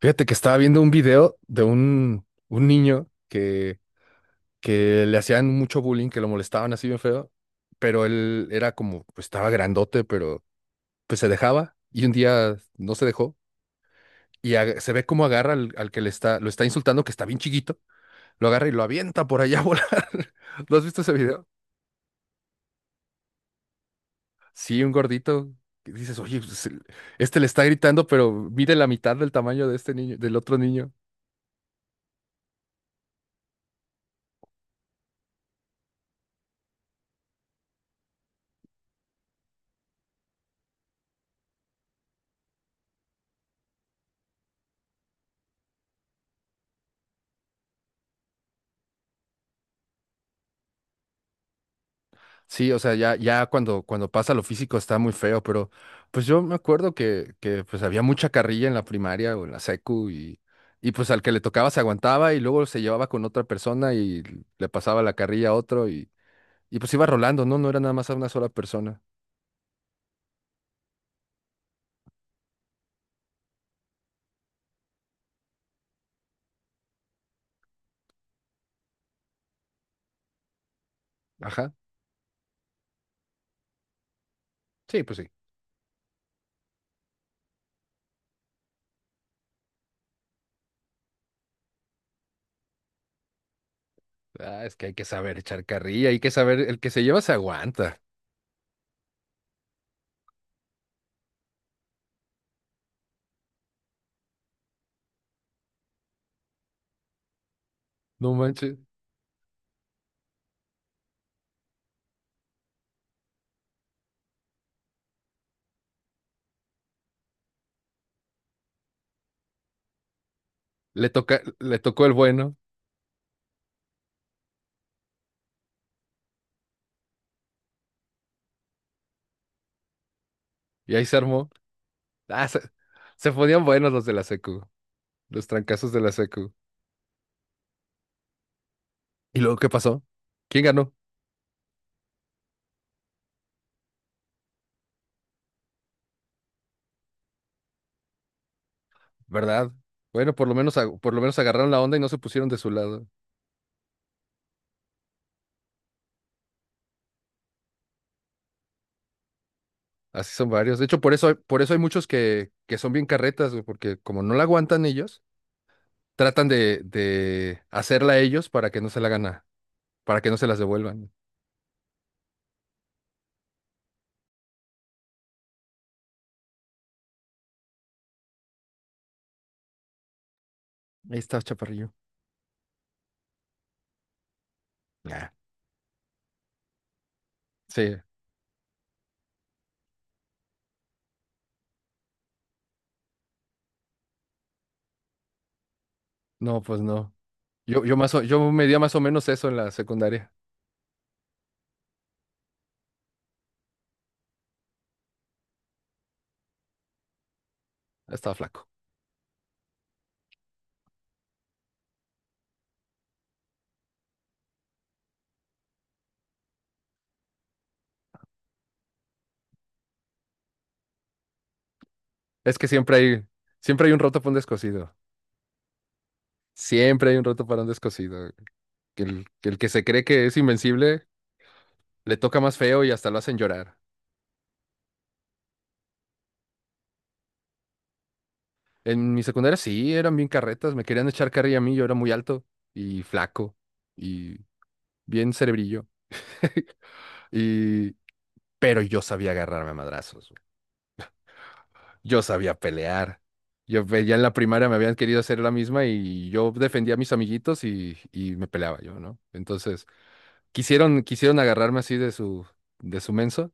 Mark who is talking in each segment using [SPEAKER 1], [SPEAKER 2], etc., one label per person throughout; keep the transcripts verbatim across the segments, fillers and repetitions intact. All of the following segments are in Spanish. [SPEAKER 1] Fíjate que estaba viendo un video de un, un niño que, que le hacían mucho bullying, que lo molestaban así bien feo, pero él era como, pues estaba grandote, pero pues se dejaba y un día no se dejó y ag- se ve cómo agarra al, al que le está, lo está insultando, que está bien chiquito, lo agarra y lo avienta por allá a volar. ¿No has visto ese video? Sí, un gordito que dices, oye, pues, el- este le está gritando, pero mide la mitad del tamaño de este niño, del otro niño. Sí, o sea, ya, ya cuando, cuando pasa lo físico está muy feo, pero pues yo me acuerdo que, que pues había mucha carrilla en la primaria o en la secu y, y pues al que le tocaba se aguantaba y luego se llevaba con otra persona y le pasaba la carrilla a otro y, y pues iba rolando, ¿no? No era nada más a una sola persona. Ajá. Sí, pues sí. Ah, es que hay que saber echar carrilla, hay que saber, el que se lleva se aguanta. No manches. Le toca, le tocó el bueno y ahí se armó. Ah, se, se ponían buenos los de la secu, los trancazos de la secu. ¿Y luego qué pasó? ¿Quién ganó? ¿Verdad? Bueno, por lo menos, ag- por lo menos agarraron la onda y no se pusieron de su lado. Así son varios. De hecho, por eso hay, por eso hay muchos que, que son bien carretas, güey, porque como no la aguantan ellos, tratan de, de hacerla ellos para que no se la gana, para que no se las devuelvan. Ahí está, chaparrillo. Ah, sí. No, pues no. Yo, yo más o- yo medía más o menos eso en la secundaria. Estaba flaco. Es que siempre hay, siempre hay un roto para un descosido. Siempre hay un roto para un descosido. Que el, que el que se cree que es invencible le toca más feo y hasta lo hacen llorar. En mi secundaria sí, eran bien carretas, me querían echar carrilla a mí, yo era muy alto y flaco y bien cerebrillo. Y... Pero yo sabía agarrarme a madrazos, güey. Yo sabía pelear. Yo ve- ya en la primaria me habían querido hacer la misma y yo defendía a mis amiguitos y, y me peleaba yo, ¿no? Entonces, quisieron, quisieron agarrarme así de su, de su menso.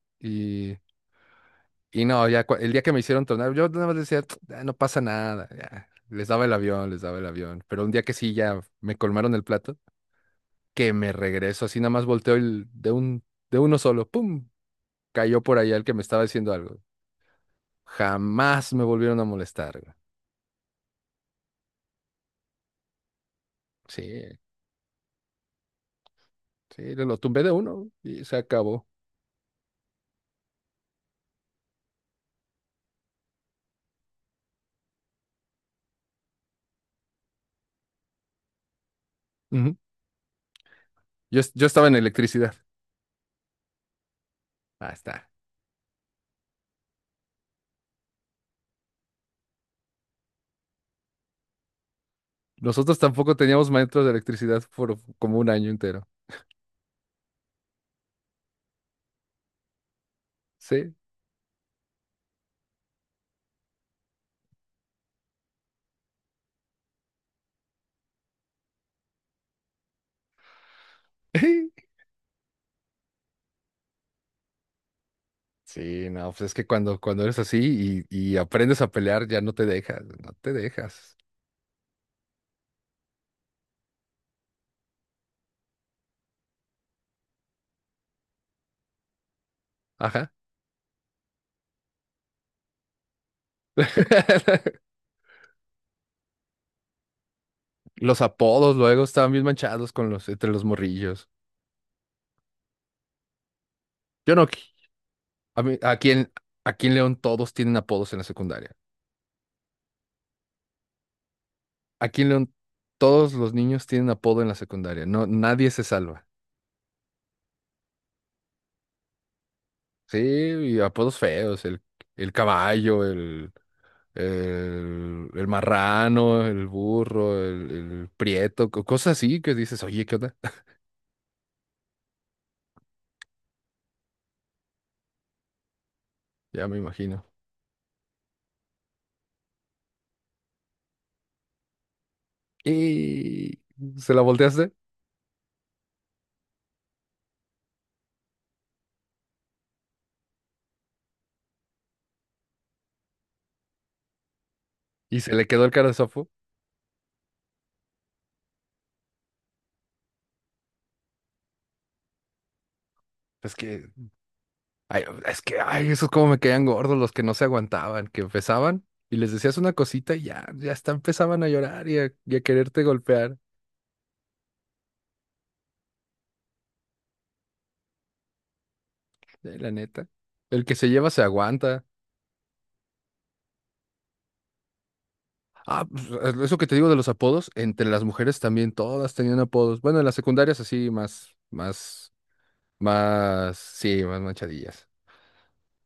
[SPEAKER 1] Y no, ya cua- el día que me hicieron tronar, yo nada más decía, "Ah, no pasa nada, ya". Les daba el avión, les daba el avión. Pero un día que sí, ya me colmaron el plato, que me regreso, así nada más volteo el, de un, de uno solo, ¡pum! Cayó por allá el que me estaba diciendo algo. Jamás me volvieron a molestar, güey. Sí, sí, lo tumbé de uno y se acabó. Ujú. Yo, es- yo estaba en electricidad. Ah, está. Nosotros tampoco teníamos maestros de electricidad por como un año entero. Sí. Sí, no, pues es que cuando, cuando eres así y, y aprendes a pelear, ya no te dejas, no te dejas. Ajá. Los apodos luego estaban bien manchados con los, entre los morrillos. Yo no, qui- a mí- aquí en, aquí en León todos tienen apodos en la secundaria. Aquí en León todos los niños tienen apodo en la secundaria. No, nadie se salva. Sí, y apodos feos, el, el caballo, el, el, el marrano, el burro, el, el prieto, co- cosas así que dices, oye, ¿qué onda? Ya me imagino. Y se la volteaste y se le quedó el cara de Sofu. Es que, ay, es que, ay, esos como me caían gordos los que no se aguantaban, que empezaban y les decías una cosita y ya, ya hasta empezaban a llorar y a, y a quererte golpear. Eh, La neta. El que se lleva se aguanta. Ah, pues, eso que te digo de los apodos, entre las mujeres también todas tenían apodos. Bueno, en las secundarias así más, más, más, sí, más manchadillas.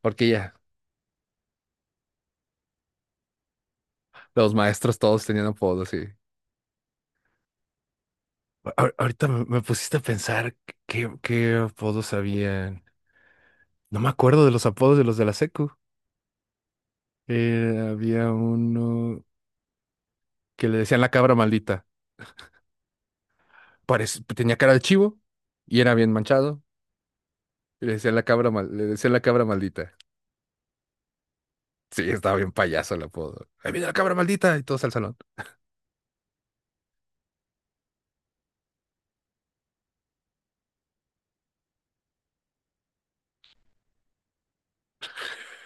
[SPEAKER 1] Porque ya, los maestros todos tenían apodos, sí. A- Ahorita me me pusiste a pensar qué, qué apodos habían. No me acuerdo de los apodos de los de la secu. Eh, había uno que le decían la cabra maldita. Parec- tenía cara de chivo y era bien manchado. Y le decían la cabra mal- le decían la cabra maldita. Sí, estaba bien payaso el apodo. Ahí viene la cabra maldita y todos al salón.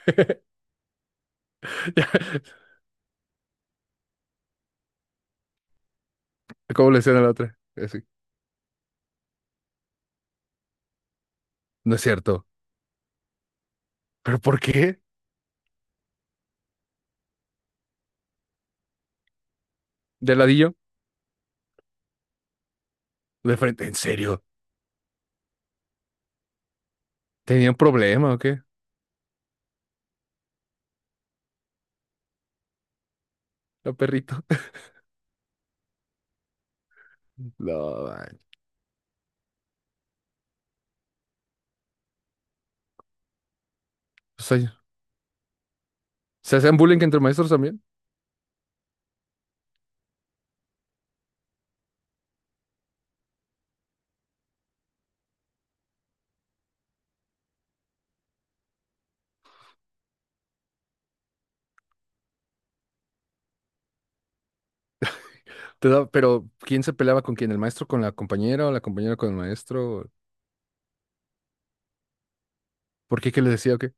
[SPEAKER 1] ¿Cómo le decían a la otra? Así, no es cierto. ¿Pero por qué? De ladillo, de frente. ¿En serio? ¿Tenían problema o qué? La perrito. No, man. ¿Se hacían bullying entre maestros también? Te da- pero ¿quién se peleaba con quién? ¿El maestro con la compañera o la compañera con el maestro? ¿Por qué? ¿Qué le decía o qué?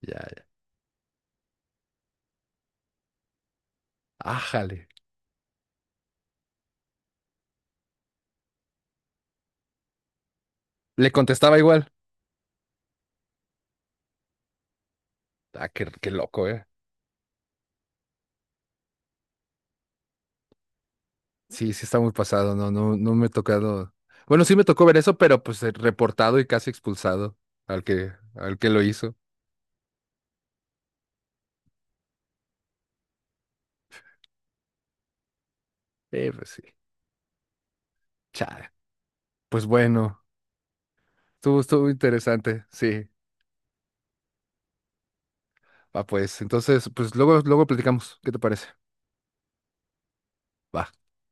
[SPEAKER 1] Ya, ya. Ájale. ¿Le contestaba igual? Ah, qué, qué loco, ¿eh? Sí, sí está muy pasado. No, no, no me he tocado. Bueno, sí me tocó ver eso, pero pues eh, reportado y casi expulsado al que, al que lo hizo. Eh, pues sí. Chale. Pues bueno, estuvo, estuvo interesante. Sí. Va, pues. Entonces, pues luego, luego platicamos. ¿Qué te parece? Va.